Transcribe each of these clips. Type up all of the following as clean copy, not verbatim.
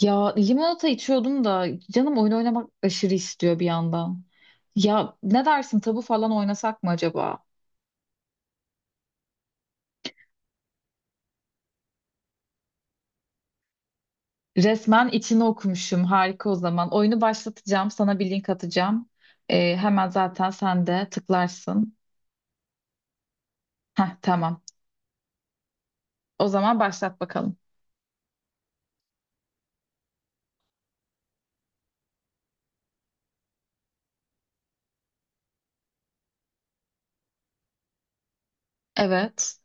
Ya limonata içiyordum da canım oyun oynamak aşırı istiyor bir yandan. Ya ne dersin tabu falan oynasak mı acaba? Resmen içini okumuşum, harika o zaman. Oyunu başlatacağım, sana bir link atacağım. Hemen zaten sen de tıklarsın. Heh, tamam, o zaman başlat bakalım. Evet.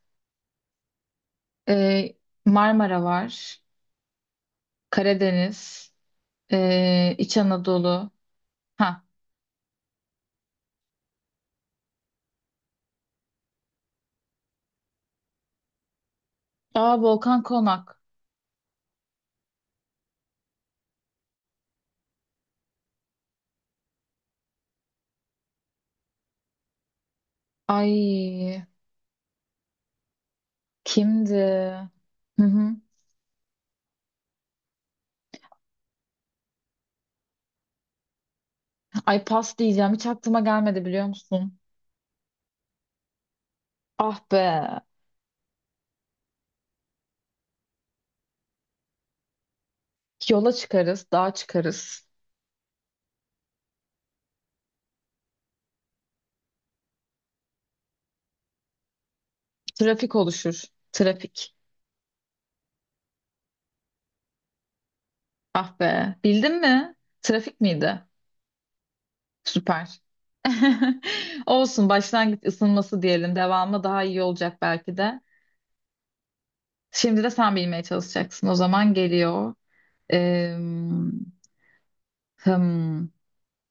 Ee, Marmara var, Karadeniz, İç Anadolu. Ha. Aa, Volkan Konak. Ay, kimdi? Hı hı. Ay, pas diyeceğim. Hiç aklıma gelmedi, biliyor musun? Ah be. Yola çıkarız, dağa çıkarız. Trafik oluşur. Trafik. Ah be. Bildin mi? Trafik miydi? Süper. Olsun. Başlangıç ısınması diyelim. Devamı daha iyi olacak belki de. Şimdi de sen bilmeye çalışacaksın. O zaman geliyor. Ee, hmm,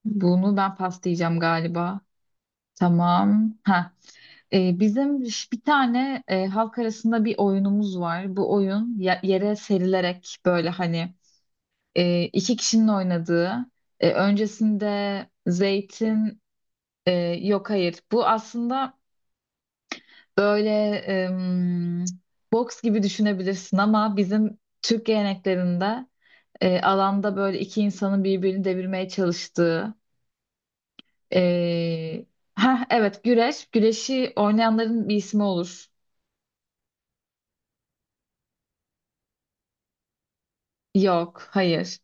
Bunu ben pas diyeceğim galiba. Tamam. Ha. Bizim bir tane halk arasında bir oyunumuz var. Bu oyun yere serilerek böyle hani iki kişinin oynadığı. Öncesinde zeytin, e, yok hayır. Bu aslında böyle, boks gibi düşünebilirsin ama bizim Türk geleneklerinde, alanda böyle iki insanın birbirini devirmeye çalıştığı. E, Heh, evet, güreş. Güreşi oynayanların bir ismi olur. Yok hayır.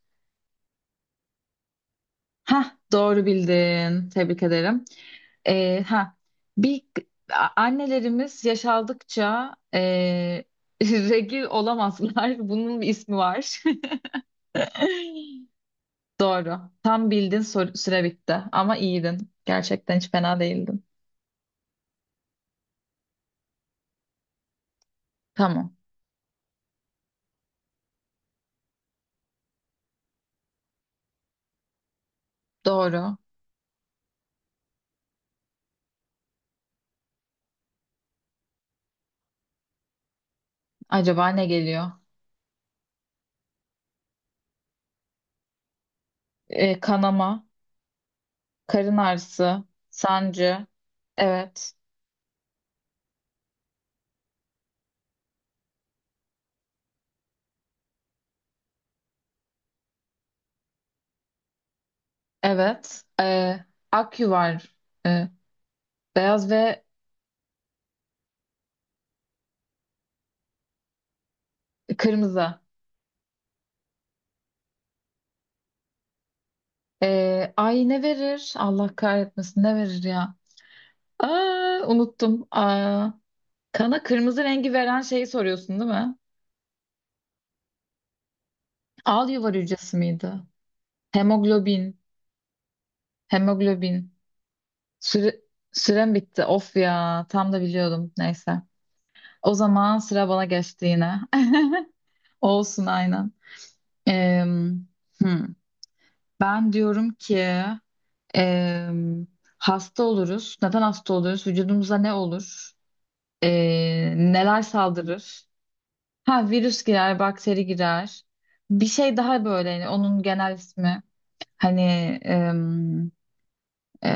Ha, doğru bildin. Tebrik ederim. Ee, ha, Bir annelerimiz yaşaldıkça, regl olamazlar. Bunun bir ismi var. Doğru. Süre bitti. Ama iyiydin. Gerçekten hiç fena değildin. Tamam. Doğru. Acaba ne geliyor? Kanama, karın ağrısı, sancı. Evet. Evet. Ak yuvar. Ee, Beyaz ve kırmızı. Ay, ne verir? Allah kahretmesin, ne verir ya? Aa, unuttum. Aa, kana kırmızı rengi veren şeyi soruyorsun değil mi? Al yuvar hücresi miydi? Hemoglobin. Hemoglobin. Süre, Sürem bitti. Of ya. Tam da biliyordum. Neyse. O zaman sıra bana geçti yine. Olsun, aynen. Em, hmm. Ben diyorum ki, em, hasta oluruz. Neden hasta oluyoruz? Vücudumuza ne olur? Neler saldırır? Ha, virüs girer, bakteri girer. Bir şey daha, böyle hani onun genel ismi. Hani em, e,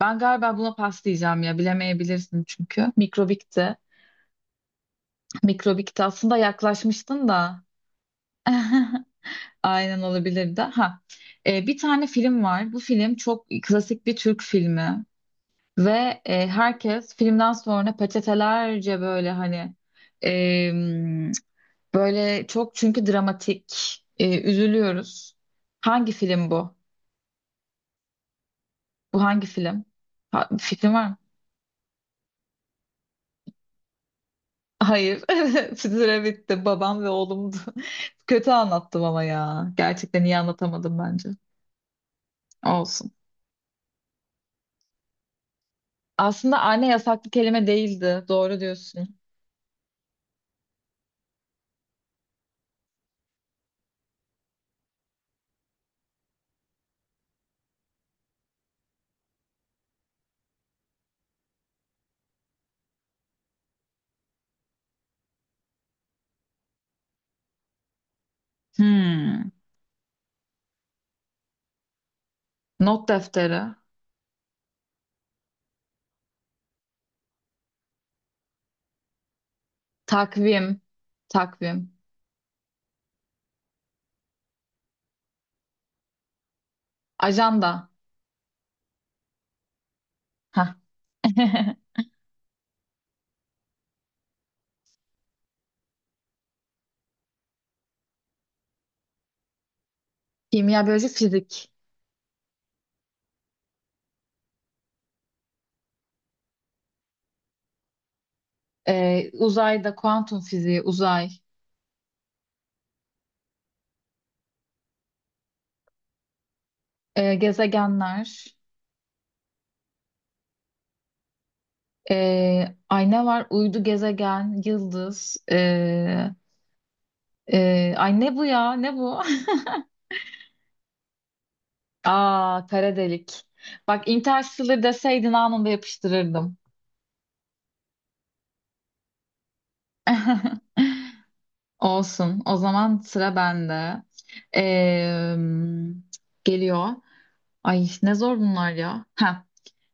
Ben galiba buna pas diyeceğim ya, bilemeyebilirsin çünkü. Mikrobikti. Mikrobikti aslında, yaklaşmıştın da. Aynen, olabilirdi. Bir tane film var. Bu film çok klasik bir Türk filmi ve herkes filmden sonra peçetelerce böyle hani, e, böyle çok, çünkü dramatik, üzülüyoruz. Hangi film bu? Bu hangi film? Ha, fikrin var mı? Hayır. Süre bitti. Babam ve Oğlum'du. Kötü anlattım ama ya. Gerçekten iyi anlatamadım bence. Olsun. Aslında anne yasaklı kelime değildi. Doğru diyorsun. Hmm. Not defteri. Takvim. Takvim. Ajanda. Hah. Kimya, biyoloji, fizik. Uzayda, kuantum fiziği, uzay. Gezegenler, ay, ne var? Uydu, gezegen, yıldız. Ay, ne bu ya? Ne bu? Aa, kara delik. Bak, Interstellar deseydin anında yapıştırırdım. Olsun. O zaman sıra bende. Ee, Geliyor. Ay, ne zor bunlar ya. Heh.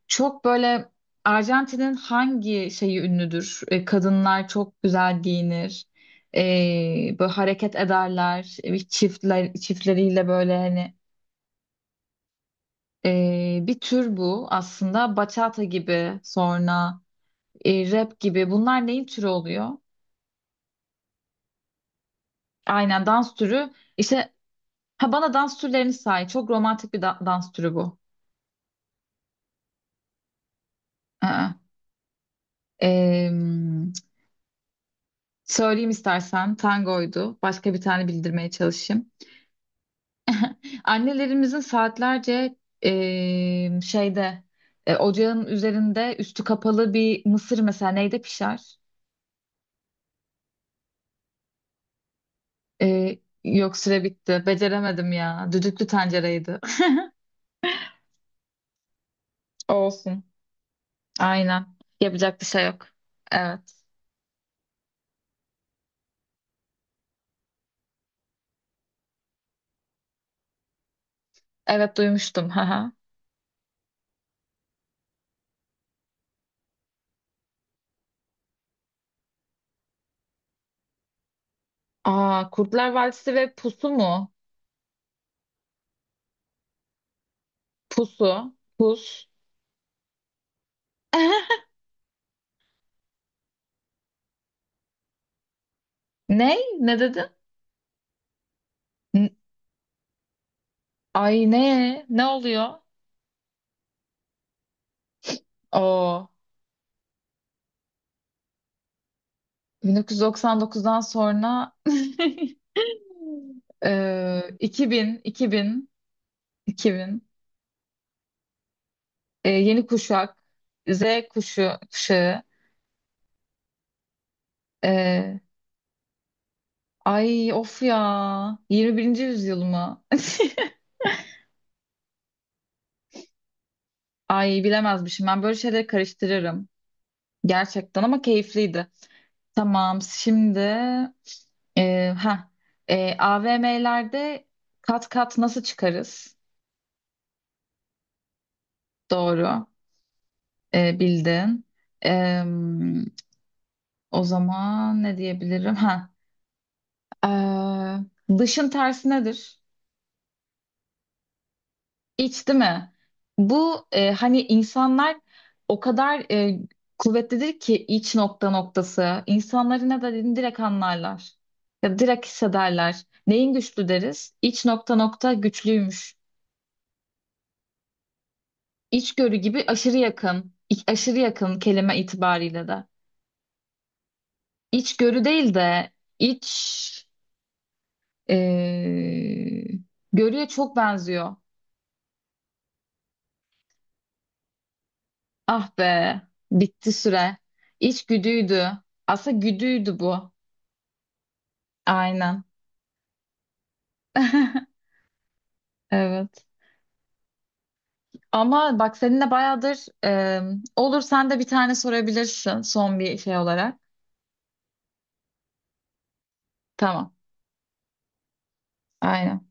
Çok böyle, Arjantin'in hangi şeyi ünlüdür? E, kadınlar çok güzel giyinir. E, böyle hareket ederler. E, çiftleriyle böyle hani, bir tür bu aslında. Bachata gibi, sonra rap gibi, bunlar neyin türü oluyor? Aynen, dans türü. İşte, ha, bana dans türlerini say. Çok romantik bir dans türü bu. Aa. E, Söyleyeyim istersen, tangoydu. Başka bir tane bildirmeye çalışayım. Annelerimizin saatlerce şeyde, ocağın üzerinde üstü kapalı bir mısır mesela neyde pişer? Yok, süre bitti. Beceremedim ya. Düdüklü tencereydi. Olsun. Aynen. Yapacak bir şey yok. Evet. Evet, duymuştum. Haha. Aa, Kurtlar Vadisi ve Pusu mu? Pusu. Pus. Ne? Ne dedin? N-. Ay, ne? Ne oluyor? Oo. 1999'dan sonra 2000, 2000. Yeni kuşak, Z kuşağı. Ee, Ay, of ya. 21. yüzyıl mı? Ay, bilemezmişim. Ben böyle şeyleri karıştırırım. Gerçekten ama keyifliydi. Tamam, şimdi e, ha AVM'lerde kat kat nasıl çıkarız? Doğru. E, bildin. Em, O zaman ne diyebilirim? Ha. Dışın tersi nedir? İç, değil mi? Bu, hani insanlar o kadar, kuvvetlidir ki iç nokta noktası. İnsanları ne dediğini direkt anlarlar. Ya direkt hissederler. Neyin güçlü deriz? İç nokta nokta güçlüymüş. İçgörü gibi aşırı yakın. Aşırı yakın kelime itibariyle de. İçgörü değil de iç, e, görüye çok benziyor. Ah be, bitti süre. İçgüdüydü. Aslında güdüydü bu. Aynen. Evet. Ama bak, seninle bayağıdır, olur, sen de bir tane sorabilirsin son bir şey olarak. Tamam. Aynen.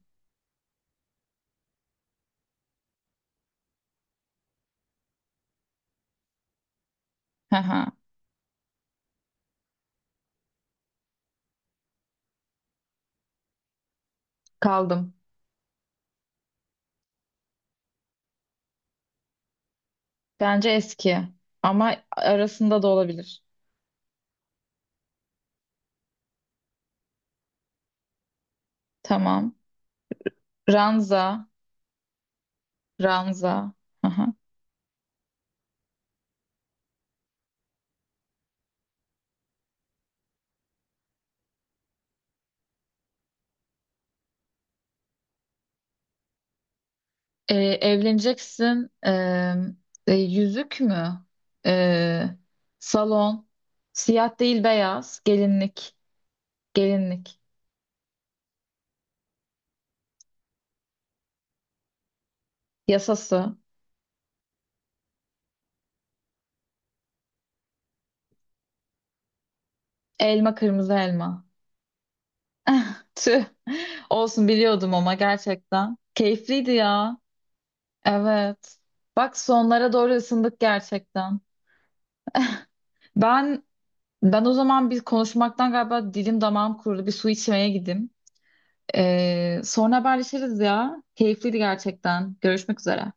Haha. Kaldım. Bence eski. Ama arasında da olabilir. Tamam. Ranza. Ranza. Haha. Ee, Evleneceksin. Yüzük mü? Ee, Salon. Siyah değil, beyaz. Gelinlik. Gelinlik. Yasası. Elma, kırmızı elma. Tüh. Olsun, biliyordum ama gerçekten. Keyifliydi ya. Evet. Bak, sonlara doğru ısındık gerçekten. Ben ben o zaman bir konuşmaktan galiba dilim damağım kurudu. Bir su içmeye gideyim. Sonra haberleşiriz ya. Keyifliydi gerçekten. Görüşmek üzere.